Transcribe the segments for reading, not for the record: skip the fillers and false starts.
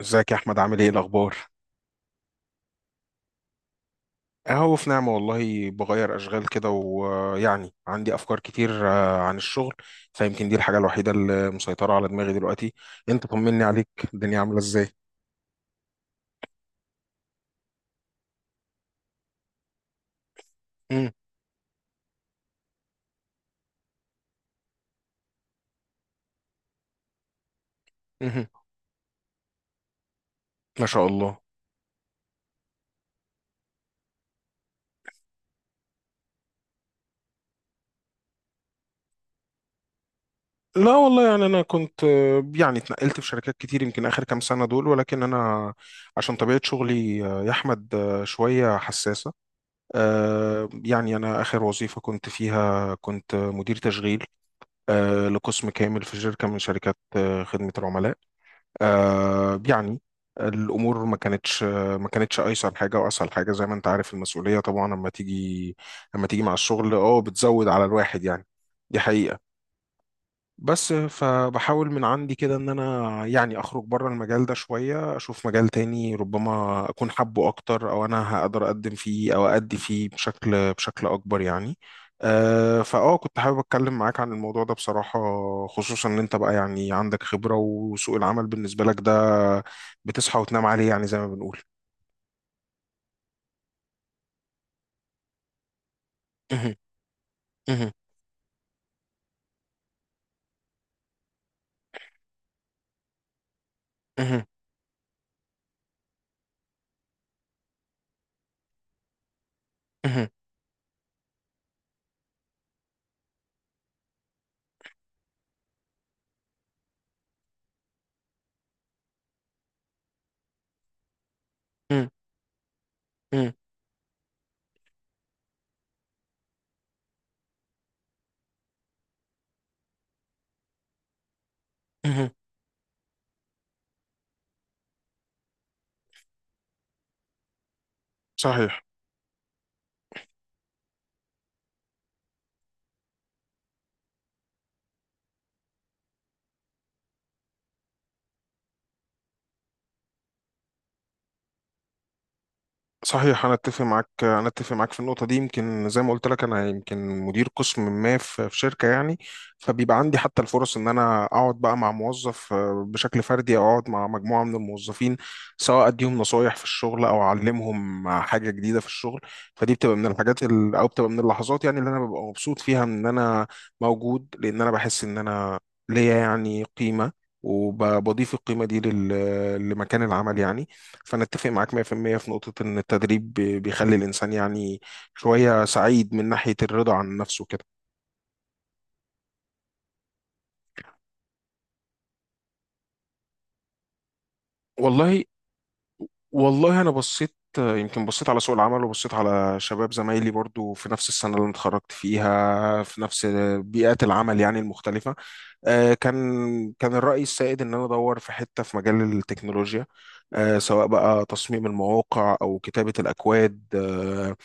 ازيك يا احمد، عامل ايه الاخبار؟ اهو في نعمه والله. بغير اشغال كده ويعني عندي افكار كتير عن الشغل. فيمكن دي الحاجه الوحيده اللي مسيطره على دماغي دلوقتي. انت طمني عليك، الدنيا عامله ازاي؟ مم، مهم. ما شاء الله. لا والله، يعني انا كنت يعني اتنقلت في شركات كتير يمكن اخر كام سنه دول، ولكن انا عشان طبيعه شغلي يا احمد شويه حساسه. يعني انا اخر وظيفه كنت فيها كنت مدير تشغيل لقسم كامل في شركة من شركات خدمة العملاء. آه، يعني الأمور ما كانتش أيسر حاجة وأسهل حاجة. زي ما أنت عارف المسؤولية طبعا لما تيجي مع الشغل بتزود على الواحد يعني. دي حقيقة. بس فبحاول من عندي كده ان انا يعني اخرج بره المجال ده شوية، اشوف مجال تاني ربما اكون حابه اكتر، او انا هقدر اقدم فيه او ادي فيه بشكل اكبر يعني. أه فاه كنت حابب اتكلم معاك عن الموضوع ده بصراحة، خصوصا ان انت بقى يعني عندك خبرة، وسوق العمل بالنسبة لك ده بتصحى وتنام عليه يعني، زي ما بنقول. صحيح، صحيح. انا اتفق معاك في النقطه دي. يمكن زي ما قلت لك، انا يمكن مدير قسم ما في في شركه يعني، فبيبقى عندي حتى الفرص ان انا اقعد بقى مع موظف بشكل فردي، او اقعد مع مجموعه من الموظفين، سواء اديهم نصايح في الشغل او اعلمهم حاجه جديده في الشغل. فدي بتبقى من الحاجات او بتبقى من اللحظات يعني اللي انا ببقى مبسوط فيها، ان انا موجود، لان انا بحس ان انا ليا يعني قيمه، وبضيف القيمه دي لمكان العمل يعني. فأنا أتفق معاك 100% في المية في نقطة إن التدريب بيخلي الإنسان يعني شوية سعيد من ناحية الرضا عن نفسه كده. والله، والله أنا بصيت، يمكن بصيت على سوق العمل، وبصيت على شباب زمايلي برضو في نفس السنة اللي أنا اتخرجت فيها، في نفس بيئات العمل يعني المختلفة. كان الرأي السائد إن أنا أدور في حتة، في مجال التكنولوجيا، سواء بقى تصميم المواقع أو كتابة الأكواد،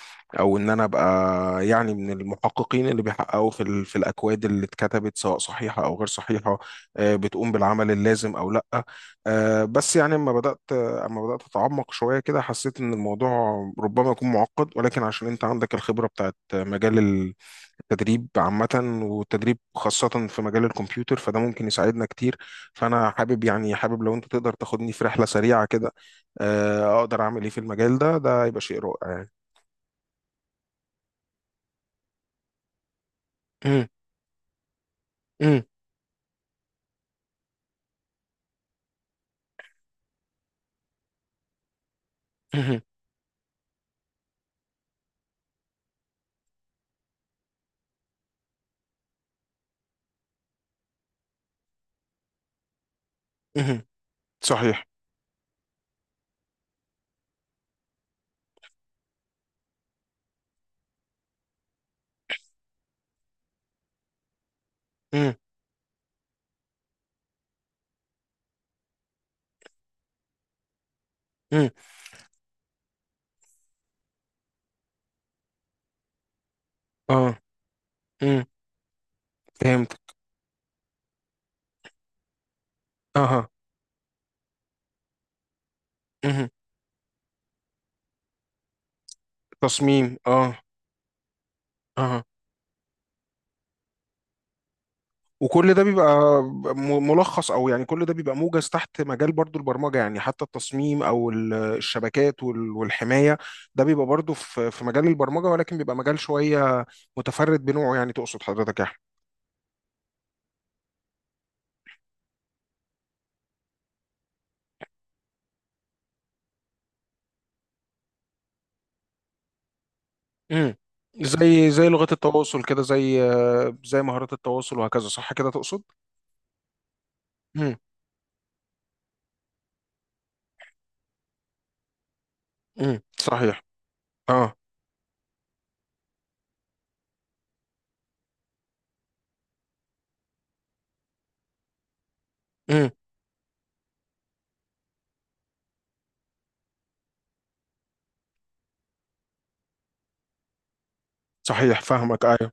أو إن أنا أبقى يعني من المحققين اللي بيحققوا في في الأكواد اللي اتكتبت سواء صحيحة أو غير صحيحة، بتقوم بالعمل اللازم أو لأ. بس يعني أما بدأت، أتعمق شوية كده، حسيت إن الموضوع ربما يكون معقد، ولكن عشان أنت عندك الخبرة بتاعت مجال التدريب عامة، والتدريب خاصة في مجال الكمبيوتر، فده ممكن يساعدنا كتير. فأنا حابب، يعني حابب لو أنت تقدر تاخدني في رحلة سريعة كده، أقدر أعمل إيه في المجال ده، ده يبقى شيء رائع يعني. مم، مم، مهم، مهم. صحيح. مم، مم. آه. مم. فهمت. أها. مهم. تصميم. آه. اها. وكل ده بيبقى ملخص، او يعني كل ده بيبقى موجز تحت مجال برضو البرمجه يعني، حتى التصميم او الشبكات والحمايه، ده بيبقى برضو في في مجال البرمجه، ولكن بيبقى مجال شويه متفرد بنوعه يعني، تقصد حضرتك يا احمد؟ امم. زي لغات التواصل كده، زي مهارات التواصل، وهكذا صح كده تقصد؟ امم. امم، صحيح. اه. امم، صحيح، فاهمك، ايوه.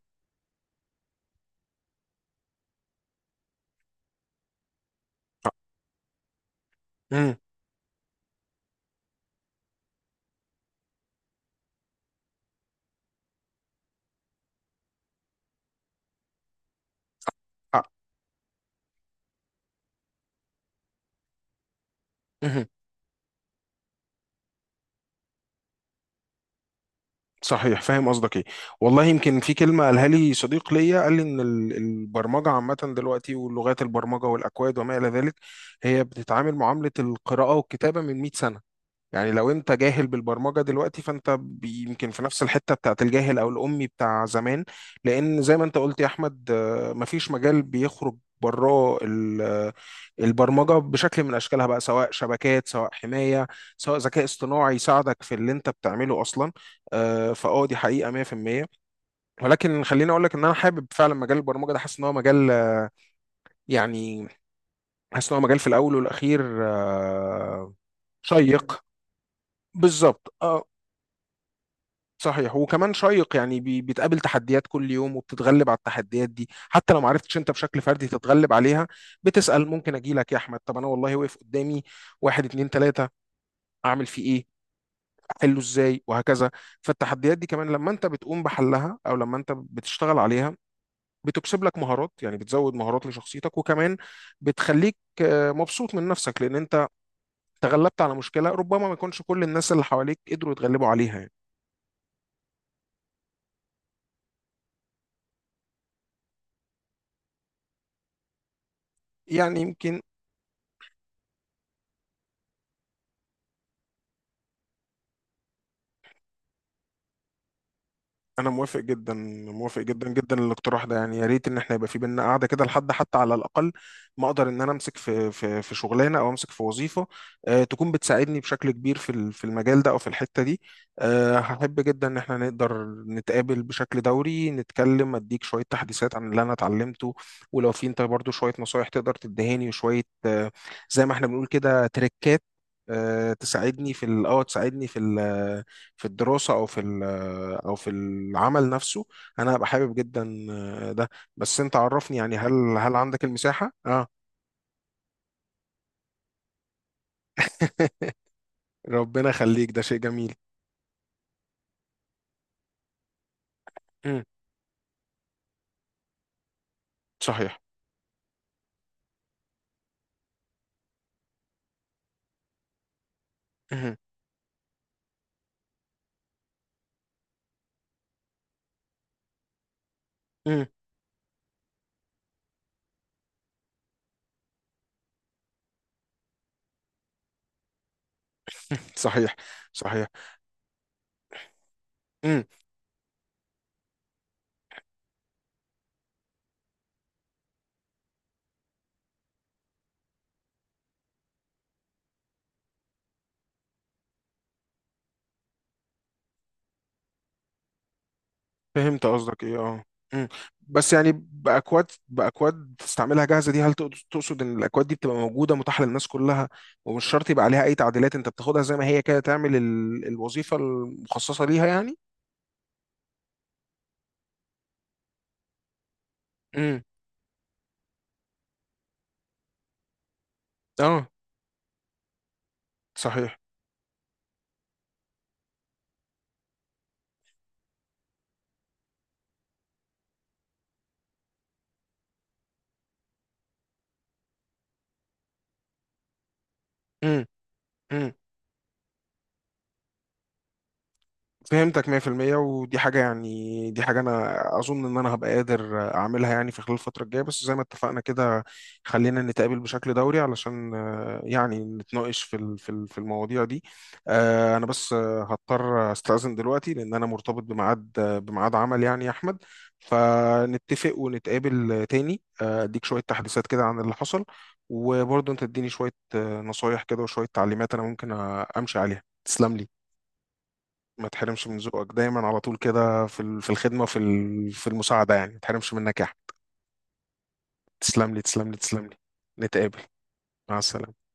امم، صحيح، فاهم قصدك ايه. والله يمكن في كلمه قالها لي صديق ليا، قال لي ان البرمجه عامه دلوقتي، واللغات البرمجه والاكواد وما الى ذلك، هي بتتعامل معامله القراءه والكتابه من 100 سنه. يعني لو انت جاهل بالبرمجه دلوقتي، فانت يمكن في نفس الحته بتاعت الجاهل او الامي بتاع زمان. لان زي ما انت قلت يا احمد، مفيش مجال بيخرج براه البرمجه بشكل من اشكالها بقى، سواء شبكات، سواء حمايه، سواء ذكاء اصطناعي يساعدك في اللي انت بتعمله اصلا. آه، فاه دي حقيقه 100%. ولكن خليني اقول لك ان انا حابب فعلا مجال البرمجه ده، حاسس ان هو مجال يعني حاسس ان هو مجال في الاول والاخير آه، شيق. بالظبط، اه. صحيح، وكمان شيق يعني، بتقابل تحديات كل يوم، وبتتغلب على التحديات دي، حتى لو ما عرفتش انت بشكل فردي تتغلب عليها، بتسأل. ممكن اجي لك يا احمد، طب انا والله واقف قدامي واحد اتنين تلاتة، اعمل فيه ايه، احله ازاي، وهكذا. فالتحديات دي كمان لما انت بتقوم بحلها، او لما انت بتشتغل عليها، بتكسب لك مهارات يعني، بتزود مهارات لشخصيتك، وكمان بتخليك مبسوط من نفسك، لان انت تغلبت على مشكلة ربما ما يكونش كل الناس اللي حواليك قدروا يتغلبوا عليها يعني. يعني يمكن، انا موافق جدا جدا للاقتراح ده، يعني يا ريت ان احنا يبقى في بينا قاعده كده، لحد حتى على الاقل ما اقدر ان انا امسك في في شغلانه، او امسك في وظيفه آه تكون بتساعدني بشكل كبير في في المجال ده، او في الحته دي. آه هحب جدا ان احنا نقدر نتقابل بشكل دوري، نتكلم، اديك شويه تحديثات عن اللي انا اتعلمته، ولو في انت برضو شويه نصايح تقدر تدهاني، وشويه آه زي ما احنا بنقول كده، تريكات تساعدني في في الدراسه او في او في العمل نفسه، انا هبقى حابب جدا ده. بس انت عرفني يعني، هل عندك المساحة؟ اه. ربنا يخليك، ده شيء جميل. امم. صحيح. امم. امم. صحيح، صحيح. امم. فهمت قصدك، ايه اه. امم. بس يعني باكواد، باكواد تستعملها جاهزه دي، هل تقصد ان الاكواد دي بتبقى موجوده متاحه للناس كلها، ومش شرط يبقى عليها اي تعديلات، انت بتاخدها زي ما هي كده، تعمل الوظيفه المخصصه ليها يعني؟ امم. اه. صحيح. امم. فهمتك 100%. ودي حاجة، يعني دي حاجة أنا أظن إن أنا هبقى قادر أعملها يعني في خلال الفترة الجاية، بس زي ما اتفقنا كده، خلينا نتقابل بشكل دوري علشان يعني نتناقش في في المواضيع دي. أنا بس هضطر أستأذن دلوقتي لأن أنا مرتبط بميعاد بميعاد عمل يعني يا أحمد. فنتفق ونتقابل تاني، أديك شوية تحديثات كده عن اللي حصل، وبرضه أنت تديني شوية نصايح كده، وشوية تعليمات أنا ممكن أمشي عليها. تسلم لي. ما تحرمش من ذوقك دايما على طول كده في في الخدمة، في في المساعدة، يعني ما تحرمش منك يا أحمد. تسلم لي، تسلم لي، تسلم لي. نتقابل. مع السلامة.